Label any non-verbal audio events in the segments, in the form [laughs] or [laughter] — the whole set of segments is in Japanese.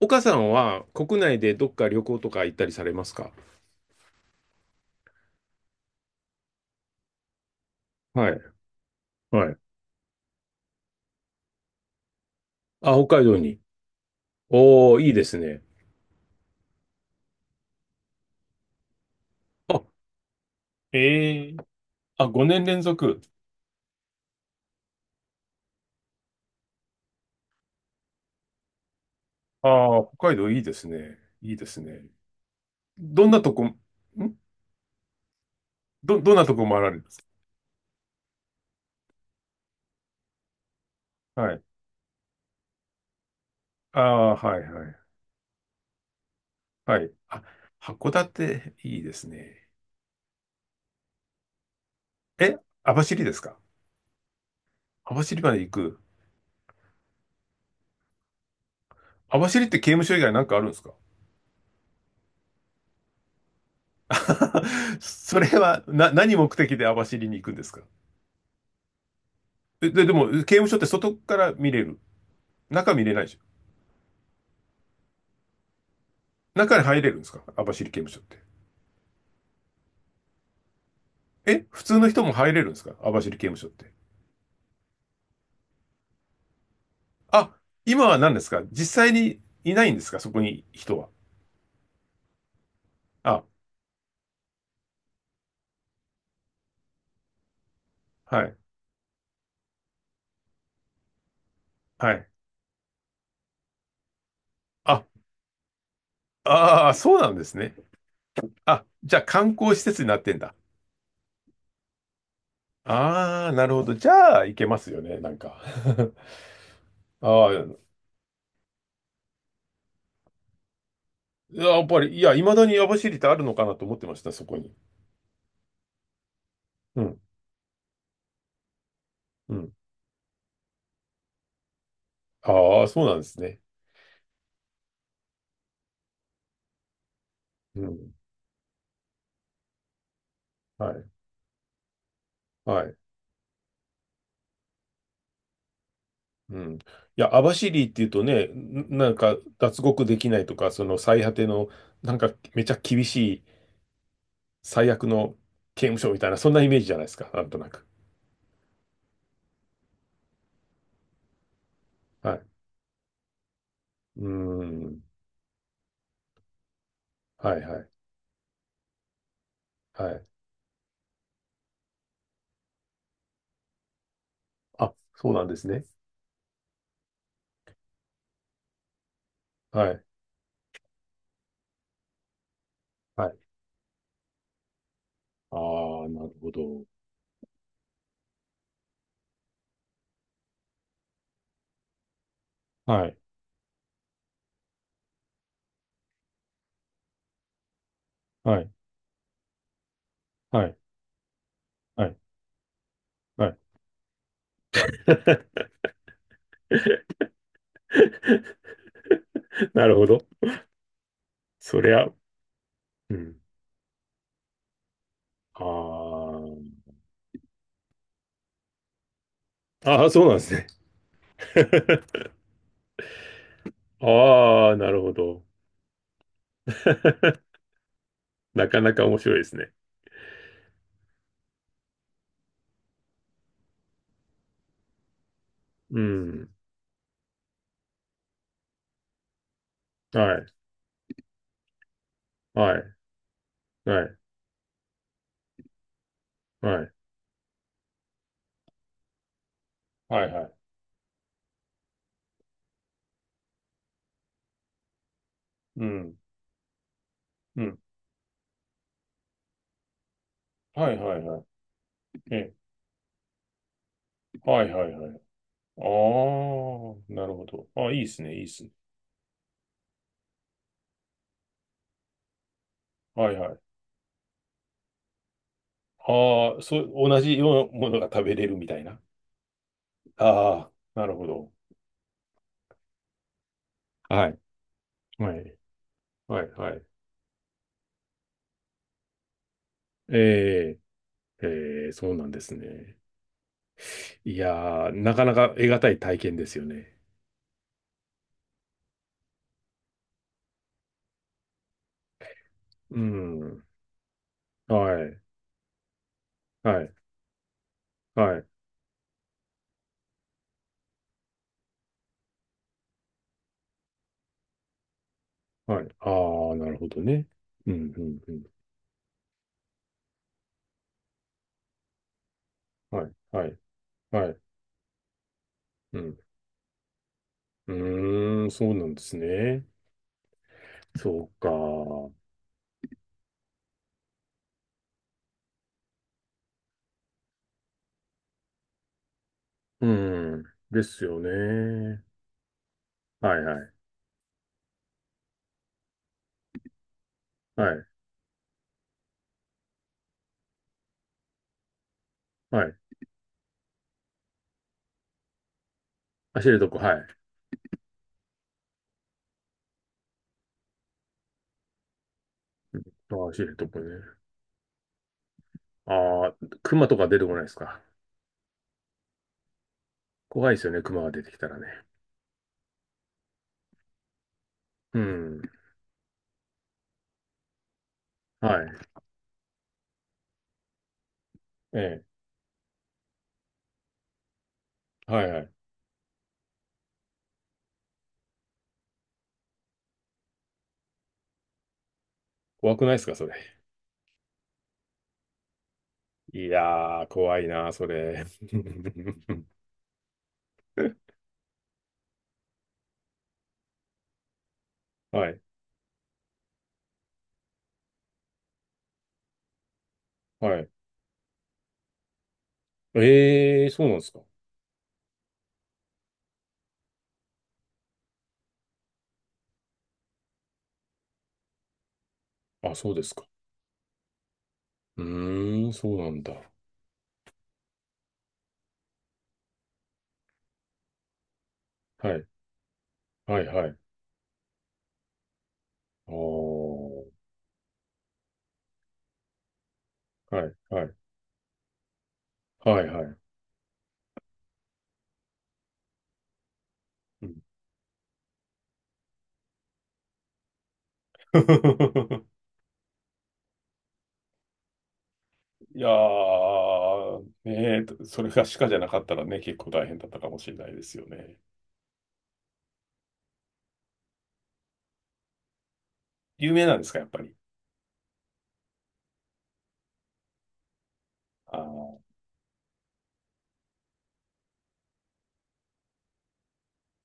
岡さんは国内でどっか旅行とか行ったりされますか？はい。はい。あ、北海道に。おー、いいですね。あ、ええ。あ、5年連続。ああ、北海道いいですね。いいですね。どんなとこ、んどんなとこ回られるんですか？はい。ああ、はい、はい。はい。あ、函館いいですね。え、網走ですか？網走まで行く。網走って刑務所以外なんかあるんですか？ [laughs] それは、何目的で網走に行くんですか？でも、刑務所って外から見れる。中見れないでしょ。中に入れるんですか網走刑務所って。普通の人も入れるんですか網走刑務所って。あ、今は何ですか、実際にいないんですか、そこに人は。あ、はい、はい。あ、ああ、そうなんですね。あ、じゃあ観光施設になってんだ。ああ、なるほど。じゃあ、行けますよね、なんか。[laughs] ああ、やっぱり、いや、未だに網走ってあるのかなと思ってました、そこに。うん、うん。ああ、そうなんですね。うん、はい、はい。うん。いや、網走っていうとね、なんか脱獄できないとか、その最果ての、なんかめちゃ厳しい最悪の刑務所みたいな、そんなイメージじゃないですか、なんとなく。はい。うーん。はいはい。はい。あ、そうなんですね。はい。はい。ああ、なるほど。はい。はい。はい。はい。はい。[laughs] なるほど。そりゃ、うん。ああ。ああ、そうなんですね。[laughs] ああ、なるほど。[laughs] なかなか面白いですね。うん。はい。はい。はい。はい。はいはい。うん。うん。はいはいはい。ええ。はいはいはい。ああ、なるほど。あ、いいですね。いいですね。はいはい。ああ、そう、同じようなものが食べれるみたいな。ああ、なるほど。はい。はい。はいはい。ええ。ええ、そうなんですね。いやー、なかなか得難い体験ですよね。うん。はい。はい。はい。はい。ああ、なるほどね。うん、うん、うん。はい、はい、はい。うん。うーん、そうなんですね。そうか。うん。ですよね。はい、はい、はい、はい。あ、知床、はい。ああ、知床ね。ああ、熊とか出てこないですか。怖いですよね、熊が出てきたらね。うん。はい。ええ、はい、はい。怖くないですか、それ？いやー、怖いな、それ。[laughs] はい、はい。ええ、そうなんですか。あ、そうですか。うーん、そうなんだ。はい。はい、はい。おー。はい、はい。はい、はい。うん。 [laughs] いやー、ねえ、それが鹿じゃなかったらね、結構大変だったかもしれないですよね。有名なんですか、やっぱり。ああ、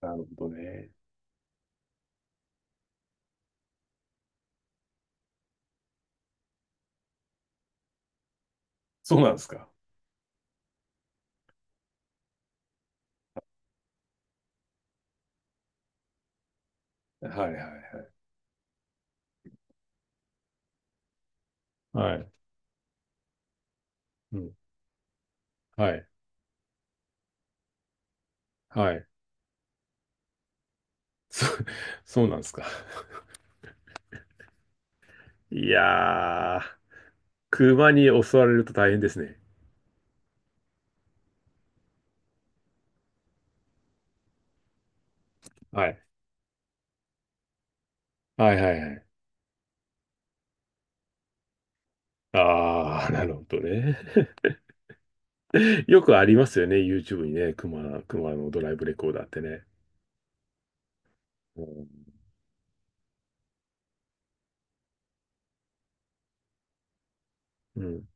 なるほどね。そうなんですか。はいはいはい。はい。うん。はい。はい。そ、そうなんですか。いやー、熊に襲われると大変ですね。はい。はいはいはい。ああ、なるほどね。[laughs] よくありますよね、YouTube にね、熊のドライブレコーダーってね。うんうん。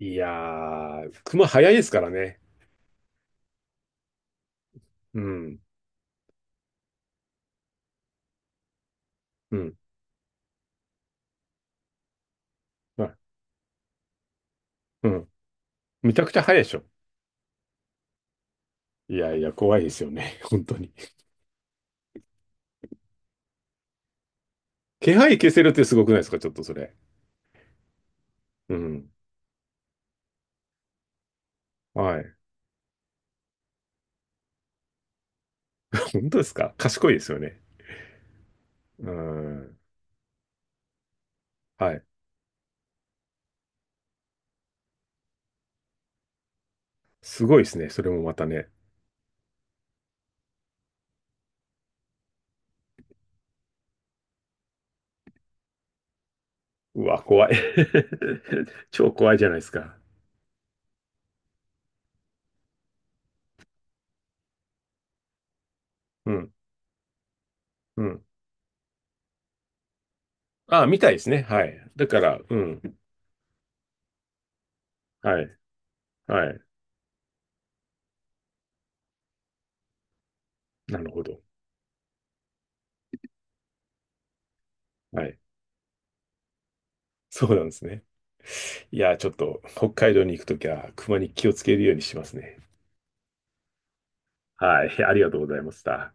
いやー、熊早いですからね。うん。うん。まうん。めちゃくちゃ早いでしょ。いやいや、怖いですよね。[laughs] 本当に。気配消せるってすごくないですか、ちょっとそれ。うん。はい。本当ですか、賢いですよね。うん。はい。すごいですね。それもまたね。うわ、怖い。[laughs] 超怖いじゃないですか。うん。うん。あ、みたいですね。はい。だから、うん。はい。はい。なるほど。はい。そうなんですね。いや、ちょっと北海道に行くときは、熊に気をつけるようにしますね。はい。ありがとうございました。